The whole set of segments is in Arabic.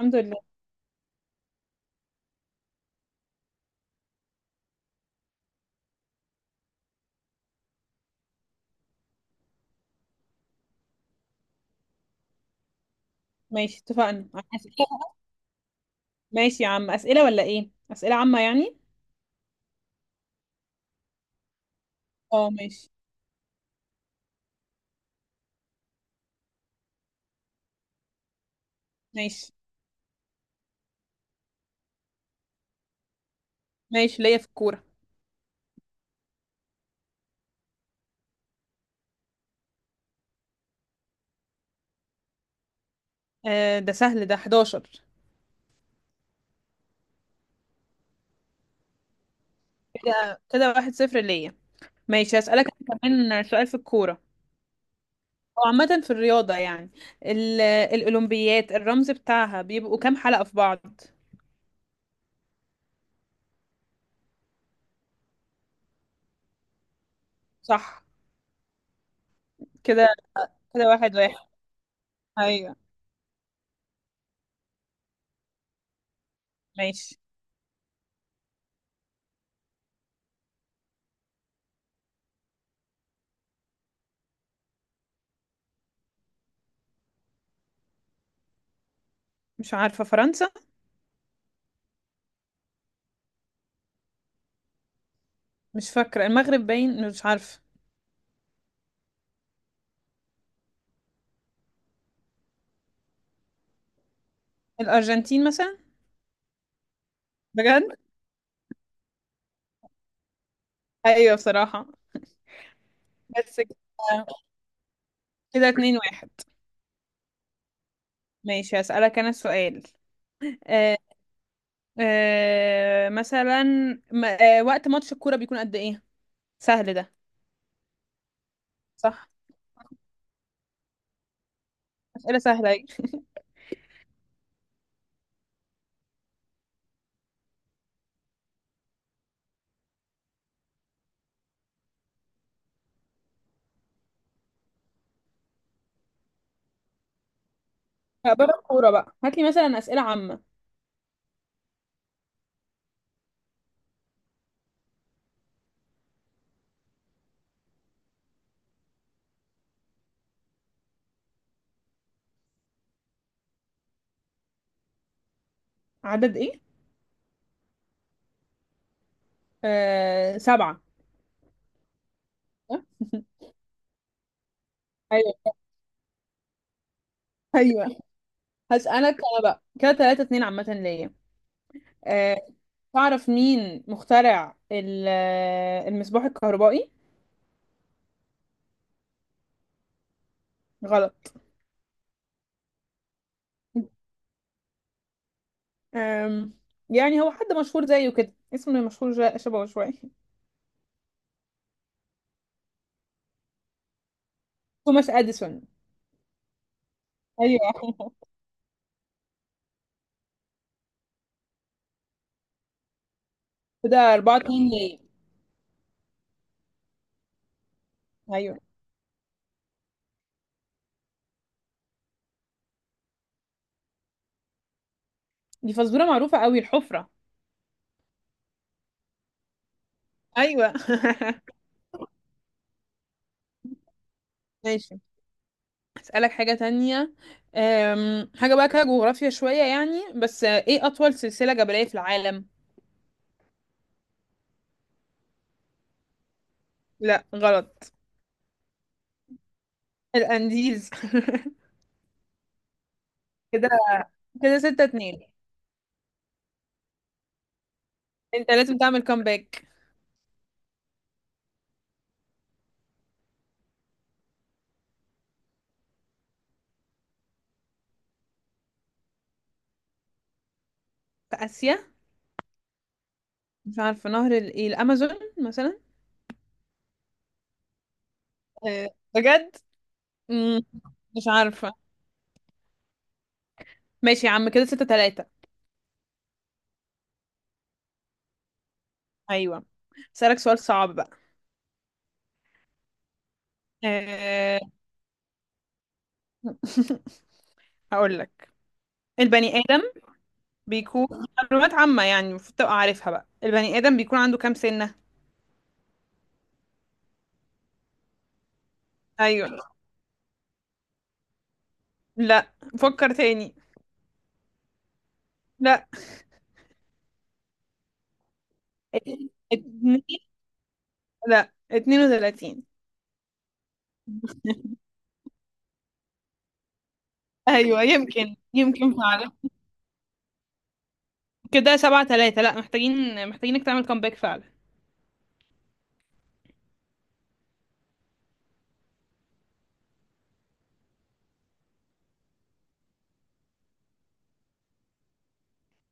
الحمد لله. ماشي، اتفقنا. عن أسئلة. ماشي يا عم، أسئلة ولا إيه؟ أسئلة عامة يعني؟ اه، ماشي. ماشي، ماشي ليا في الكورة. آه، ده سهل، ده 11. كده كده 1-0 ليا. ماشي، هسألك أنا كمان سؤال في الكورة أو عامة في الرياضة يعني. الأولمبيات الرمز بتاعها بيبقوا كام حلقة في بعض؟ صح. كده كده 1-1. أيوه. ماشي. مش عارفة، فرنسا. مش فاكرة، المغرب باين، مش عارفة. الأرجنتين مثلا. بجد؟ أيوه بصراحة. بس كده. كده 2-1. ماشي هسألك أنا السؤال. آه. آه مثلا. وقت ماتش الكورة بيكون قد إيه؟ سهل ده. صح. أسئلة سهلة أهي. بره الكورة بقى، هات لي مثلا أسئلة عامة. عدد إيه؟ آه، سبعة. أيوه، أيوه، هسألك أنا بقى كده 3-2 عامة ليا. آه، تعرف مين مخترع المصباح الكهربائي؟ غلط. آم، يعني هو حد مشهور زيه كده، اسمه مشهور شبهه شوية. توماس أديسون. ايوه. ده 4-2 ليه. ايوه دي فزوره معروفه قوي، الحفره. ايوه. ماشي، اسالك حاجه تانية. حاجه بقى كده جغرافيا شويه يعني، بس ايه اطول سلسله جبليه في العالم؟ لا غلط. الانديز. كده. كده 6-2. انت لازم تعمل كومباك. في اسيا. مش عارفه، نهر الايه؟ الامازون مثلا. آه. بجد. مم، مش عارفه. ماشي يا عم، كده 6-3. ايوه، اسالك سؤال صعب بقى. آه، هقول لك. البني آدم بيكون، معلومات عامة يعني المفروض تبقى عارفها بقى، البني آدم بيكون عنده كام سنة؟ ايوه. لا فكر تاني. لا. اتنين. لا 32. ايوه يمكن يمكن فعلا. كده 7-3. لا، محتاجينك تعمل كومباك فعلا.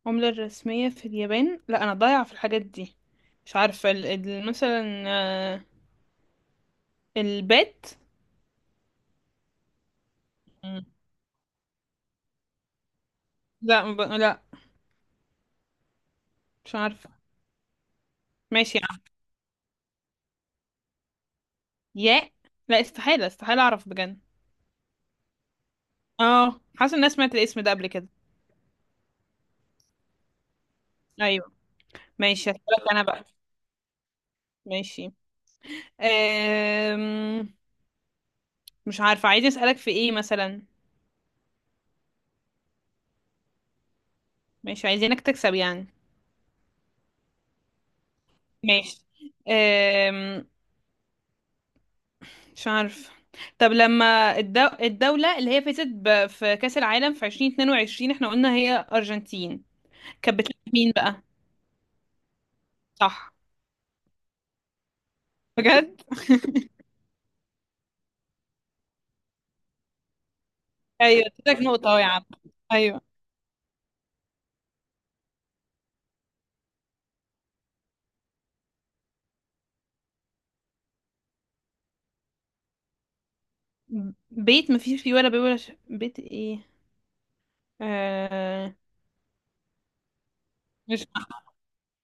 العملة الرسمية في اليابان؟ لا انا ضايعة في الحاجات دي. مش عارفة مثلا البات. مم. لا، لا. مش عارفة. ماشي يا عم. ياء. لا، استحالة استحالة اعرف بجد. اه، حاسه اني سمعت الاسم ده قبل كده. ايوه. ماشي هسألك انا بقى. ماشي. أم... مش عارفه، عايزه اسألك في ايه مثلا. ماشي، عايزينك تكسب يعني. ماشي. أم... مش عارفه. طب لما الدولة اللي هي فازت في كأس العالم في 2022، احنا قلنا هي أرجنتين. كانت بتلعب مين بقى؟ صح. بجد. ايوه اديتك نقطة اهو يا عم. ايوه. بيت مفيش فيه ولا ولا بيت ايه. آه... مش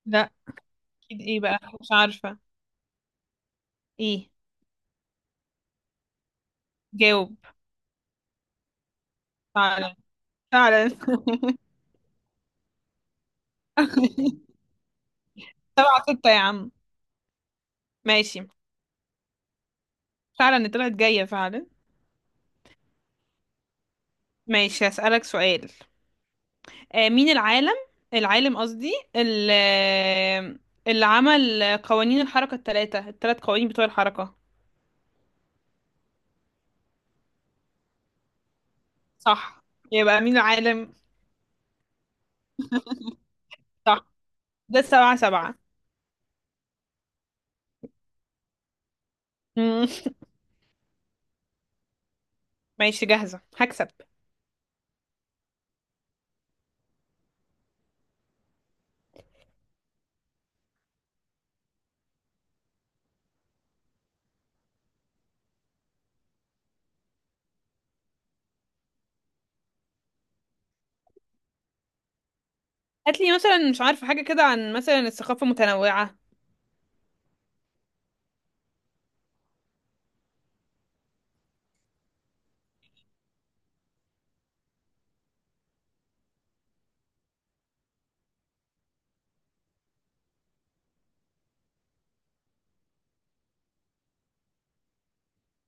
لا. أكيد إيه بقى، مش عارفة. إيه. جاوب. فعلا. فعلا. 7-6 يا عم. ماشي. فعلا طلعت جاية فعلا. ماشي، هسألك سؤال. مين العالم، العالم قصدي اللي عمل قوانين الحركة الثلاث قوانين بتوع الحركة. صح. يبقى مين العالم؟ صح. ده السبعة سبعة. مم. ماشي، جاهزة، هكسب. هاتلي مثلا مش عارفة حاجة كده، عن مثلا الثقافة المتنوعة.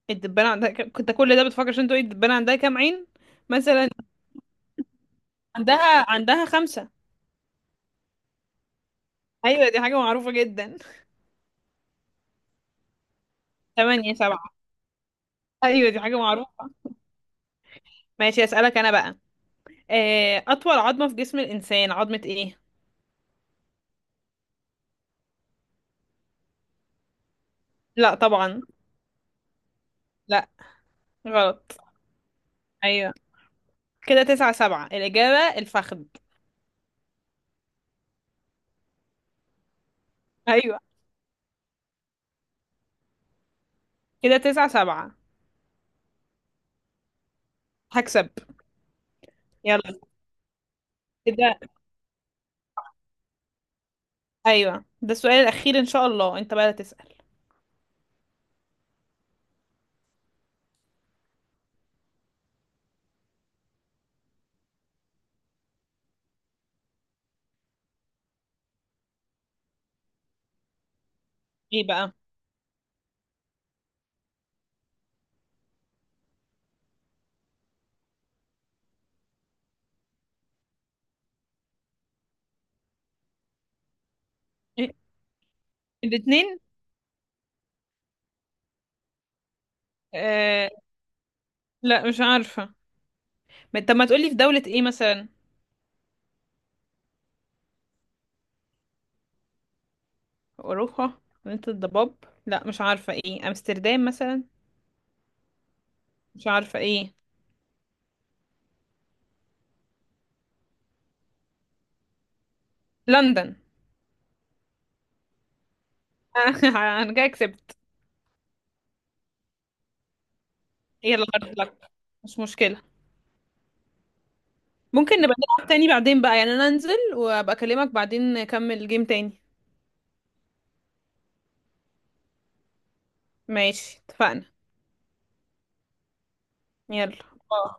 الدبانة عندها كنت كل ده بتفكر عشان تقولي الدبانة عندها كام عين؟ مثلا. عندها خمسة. أيوة دي حاجة معروفة جدا. 8-7. أيوة دي حاجة معروفة. ماشي، أسألك أنا بقى. أطول عظمة في جسم الإنسان، عظمة إيه؟ لا طبعا. لا غلط. أيوة. كده 9-7. الإجابة الفخذ. أيوة كده 9-7. هكسب. يلا. كده. أيوة ده السؤال الأخير إن شاء الله، أنت بقى تسأل. إيه بقى؟ إيه؟ الاتنين؟ آه... لا مش عارفة. طب ما تقولي في دولة ايه مثلا. اوروبا، مدينة الضباب. لا مش عارفة ايه، امستردام مثلا. مش عارفة ايه. لندن. انا كده كسبت. يلا هارد لك، مش مشكلة. ممكن نبقى نلعب تاني بعدين بقى يعني، انا انزل وابقى اكلمك بعدين، نكمل جيم تاني. ماشي اتفقنا. يلا. باي.